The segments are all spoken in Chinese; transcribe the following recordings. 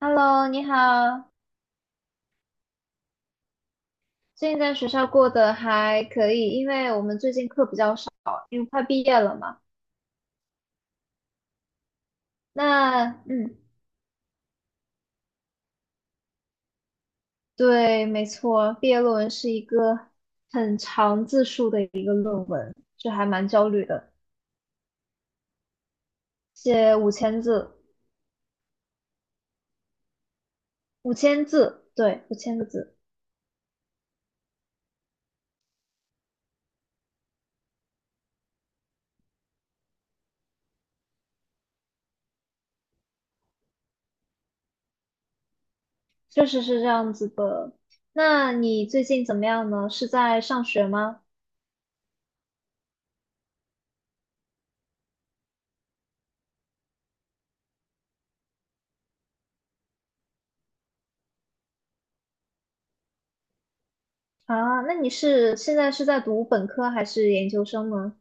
Hello，你好。最近在学校过得还可以，因为我们最近课比较少，因为快毕业了嘛。那嗯，对，没错，毕业论文是一个很长字数的一个论文，就还蛮焦虑的。写五千字，五千字，对，5000个字，确实是这样子的。那你最近怎么样呢？是在上学吗？啊，那你是现在是在读本科还是研究生呢？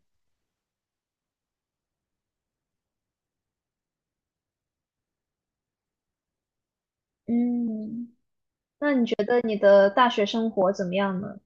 嗯。那你觉得你的大学生活怎么样呢？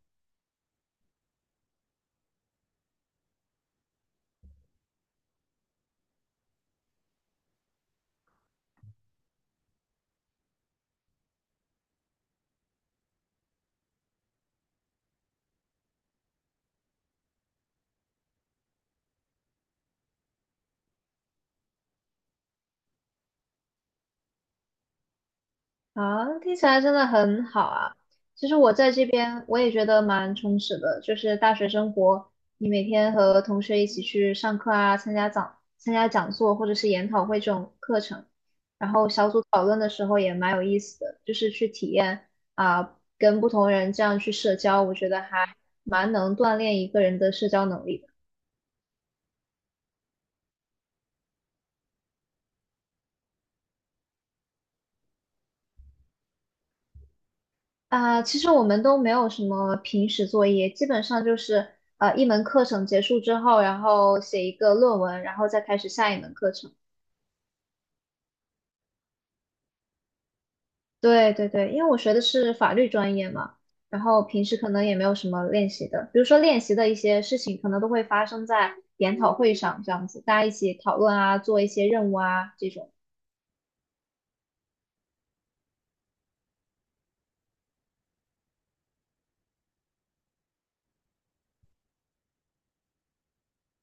啊，听起来真的很好啊。其实我在这边我也觉得蛮充实的，就是大学生活，你每天和同学一起去上课啊，参加讲座或者是研讨会这种课程，然后小组讨论的时候也蛮有意思的，就是去体验啊，跟不同人这样去社交，我觉得还蛮能锻炼一个人的社交能力的。啊，其实我们都没有什么平时作业，基本上就是一门课程结束之后，然后写一个论文，然后再开始下一门课程。对对对，因为我学的是法律专业嘛，然后平时可能也没有什么练习的，比如说练习的一些事情，可能都会发生在研讨会上这样子，大家一起讨论啊，做一些任务啊这种。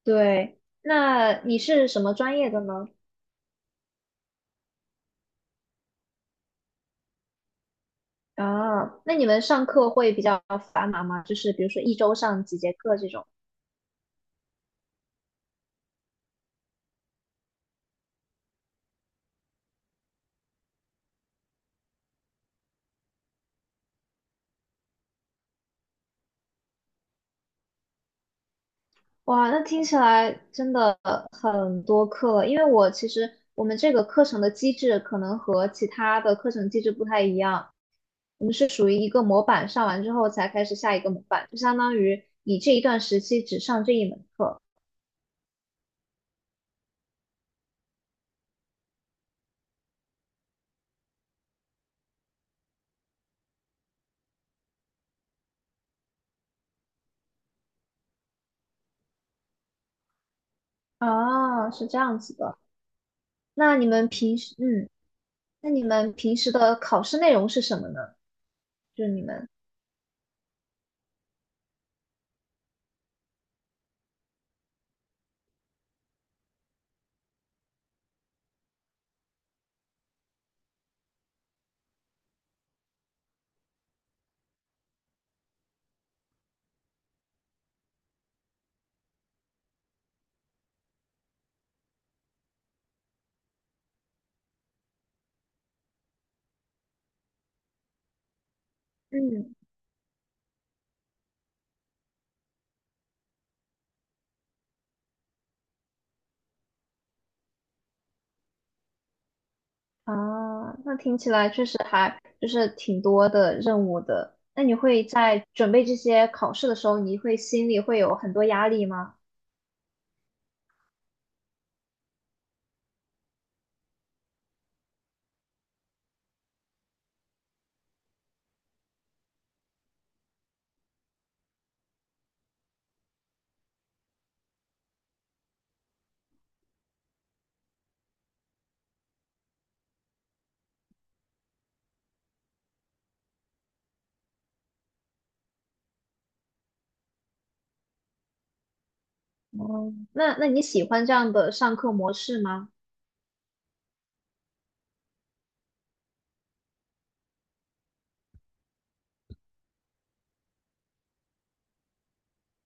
对，那你是什么专业的呢？啊，那你们上课会比较繁忙吗？就是比如说一周上几节课这种。哇，那听起来真的很多课了，因为我其实我们这个课程的机制可能和其他的课程机制不太一样，我们是属于一个模板上完之后才开始下一个模板，就相当于你这一段时期只上这一门课。啊，是这样子的。那你们平时，嗯，那你们平时的考试内容是什么呢？就是你们，嗯。啊，那听起来确实还就是挺多的任务的。那你会在准备这些考试的时候，你会心里会有很多压力吗？哦，那你喜欢这样的上课模式吗？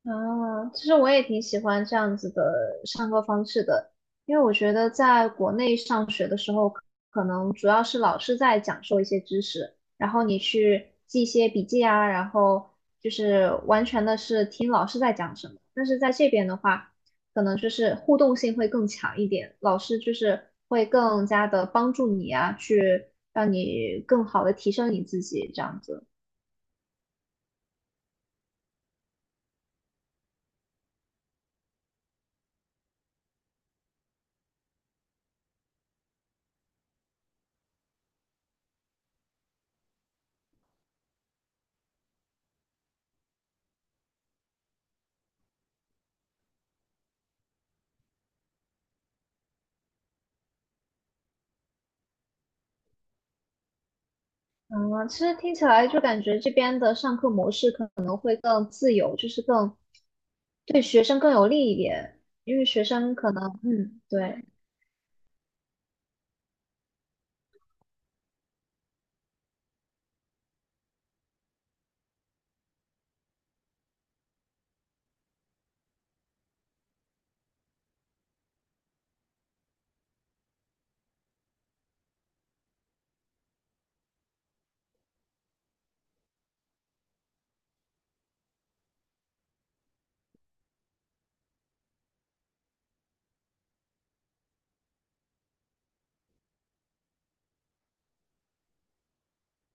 啊，其实我也挺喜欢这样子的上课方式的，因为我觉得在国内上学的时候，可能主要是老师在讲授一些知识，然后你去记一些笔记啊，然后就是完全的是听老师在讲什么。但是在这边的话，可能就是互动性会更强一点，老师就是会更加的帮助你啊，去让你更好的提升你自己这样子。嗯，其实听起来就感觉这边的上课模式可能会更自由，就是更对学生更有利一点，因为学生可能，嗯，对，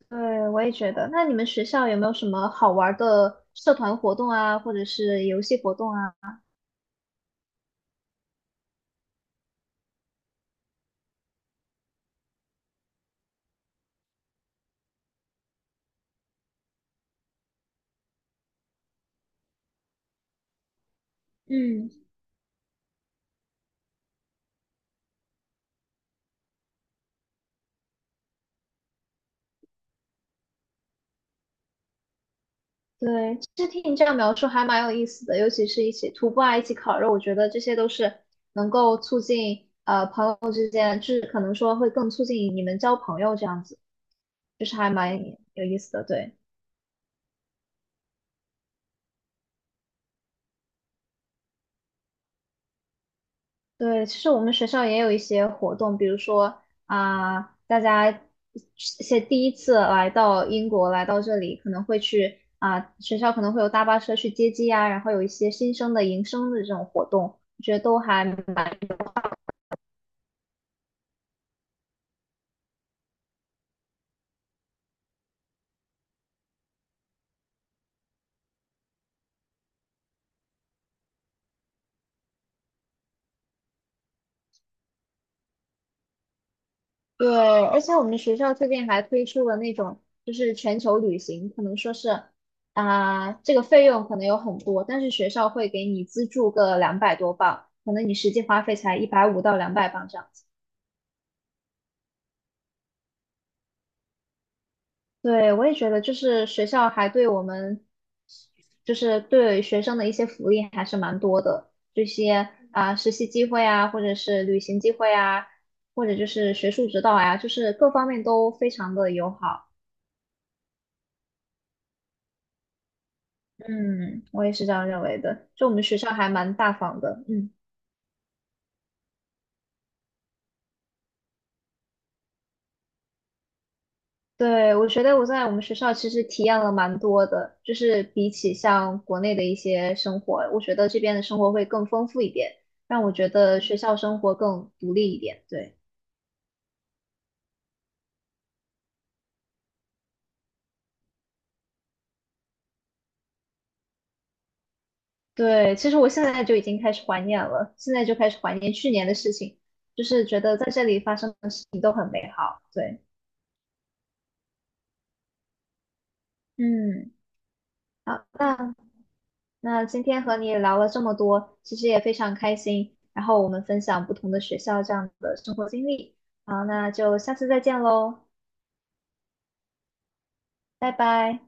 对，我也觉得。那你们学校有没有什么好玩儿的社团活动啊，或者是游戏活动啊？嗯。对，其实听你这样描述还蛮有意思的，尤其是一起徒步啊，一起烤肉，我觉得这些都是能够促进朋友之间，就是可能说会更促进你们交朋友这样子，就是还蛮有意思的。对对，其实我们学校也有一些活动，比如说啊、大家一些第一次来到英国，来到这里可能会去啊、学校可能会有大巴车去接机啊，然后有一些新生的迎生的这种活动，我觉得都还蛮对，而且我们学校最近还推出了那种，就是全球旅行，可能说是啊、这个费用可能有很多，但是学校会给你资助个200多镑，可能你实际花费才150到200镑这样子。对，我也觉得，就是学校还对我们，就是对学生的一些福利还是蛮多的，这些啊、实习机会啊，或者是旅行机会啊，或者就是学术指导呀，就是各方面都非常的友好。嗯，我也是这样认为的。就我们学校还蛮大方的，嗯，对，我觉得我在我们学校其实体验了蛮多的，就是比起像国内的一些生活，我觉得这边的生活会更丰富一点，让我觉得学校生活更独立一点。对，对，其实我现在就已经开始怀念了，现在就开始怀念去年的事情，就是觉得在这里发生的事情都很美好。对，嗯，好，那。那今天和你聊了这么多，其实也非常开心。然后我们分享不同的学校这样的生活经历。好，那就下次再见喽，拜拜。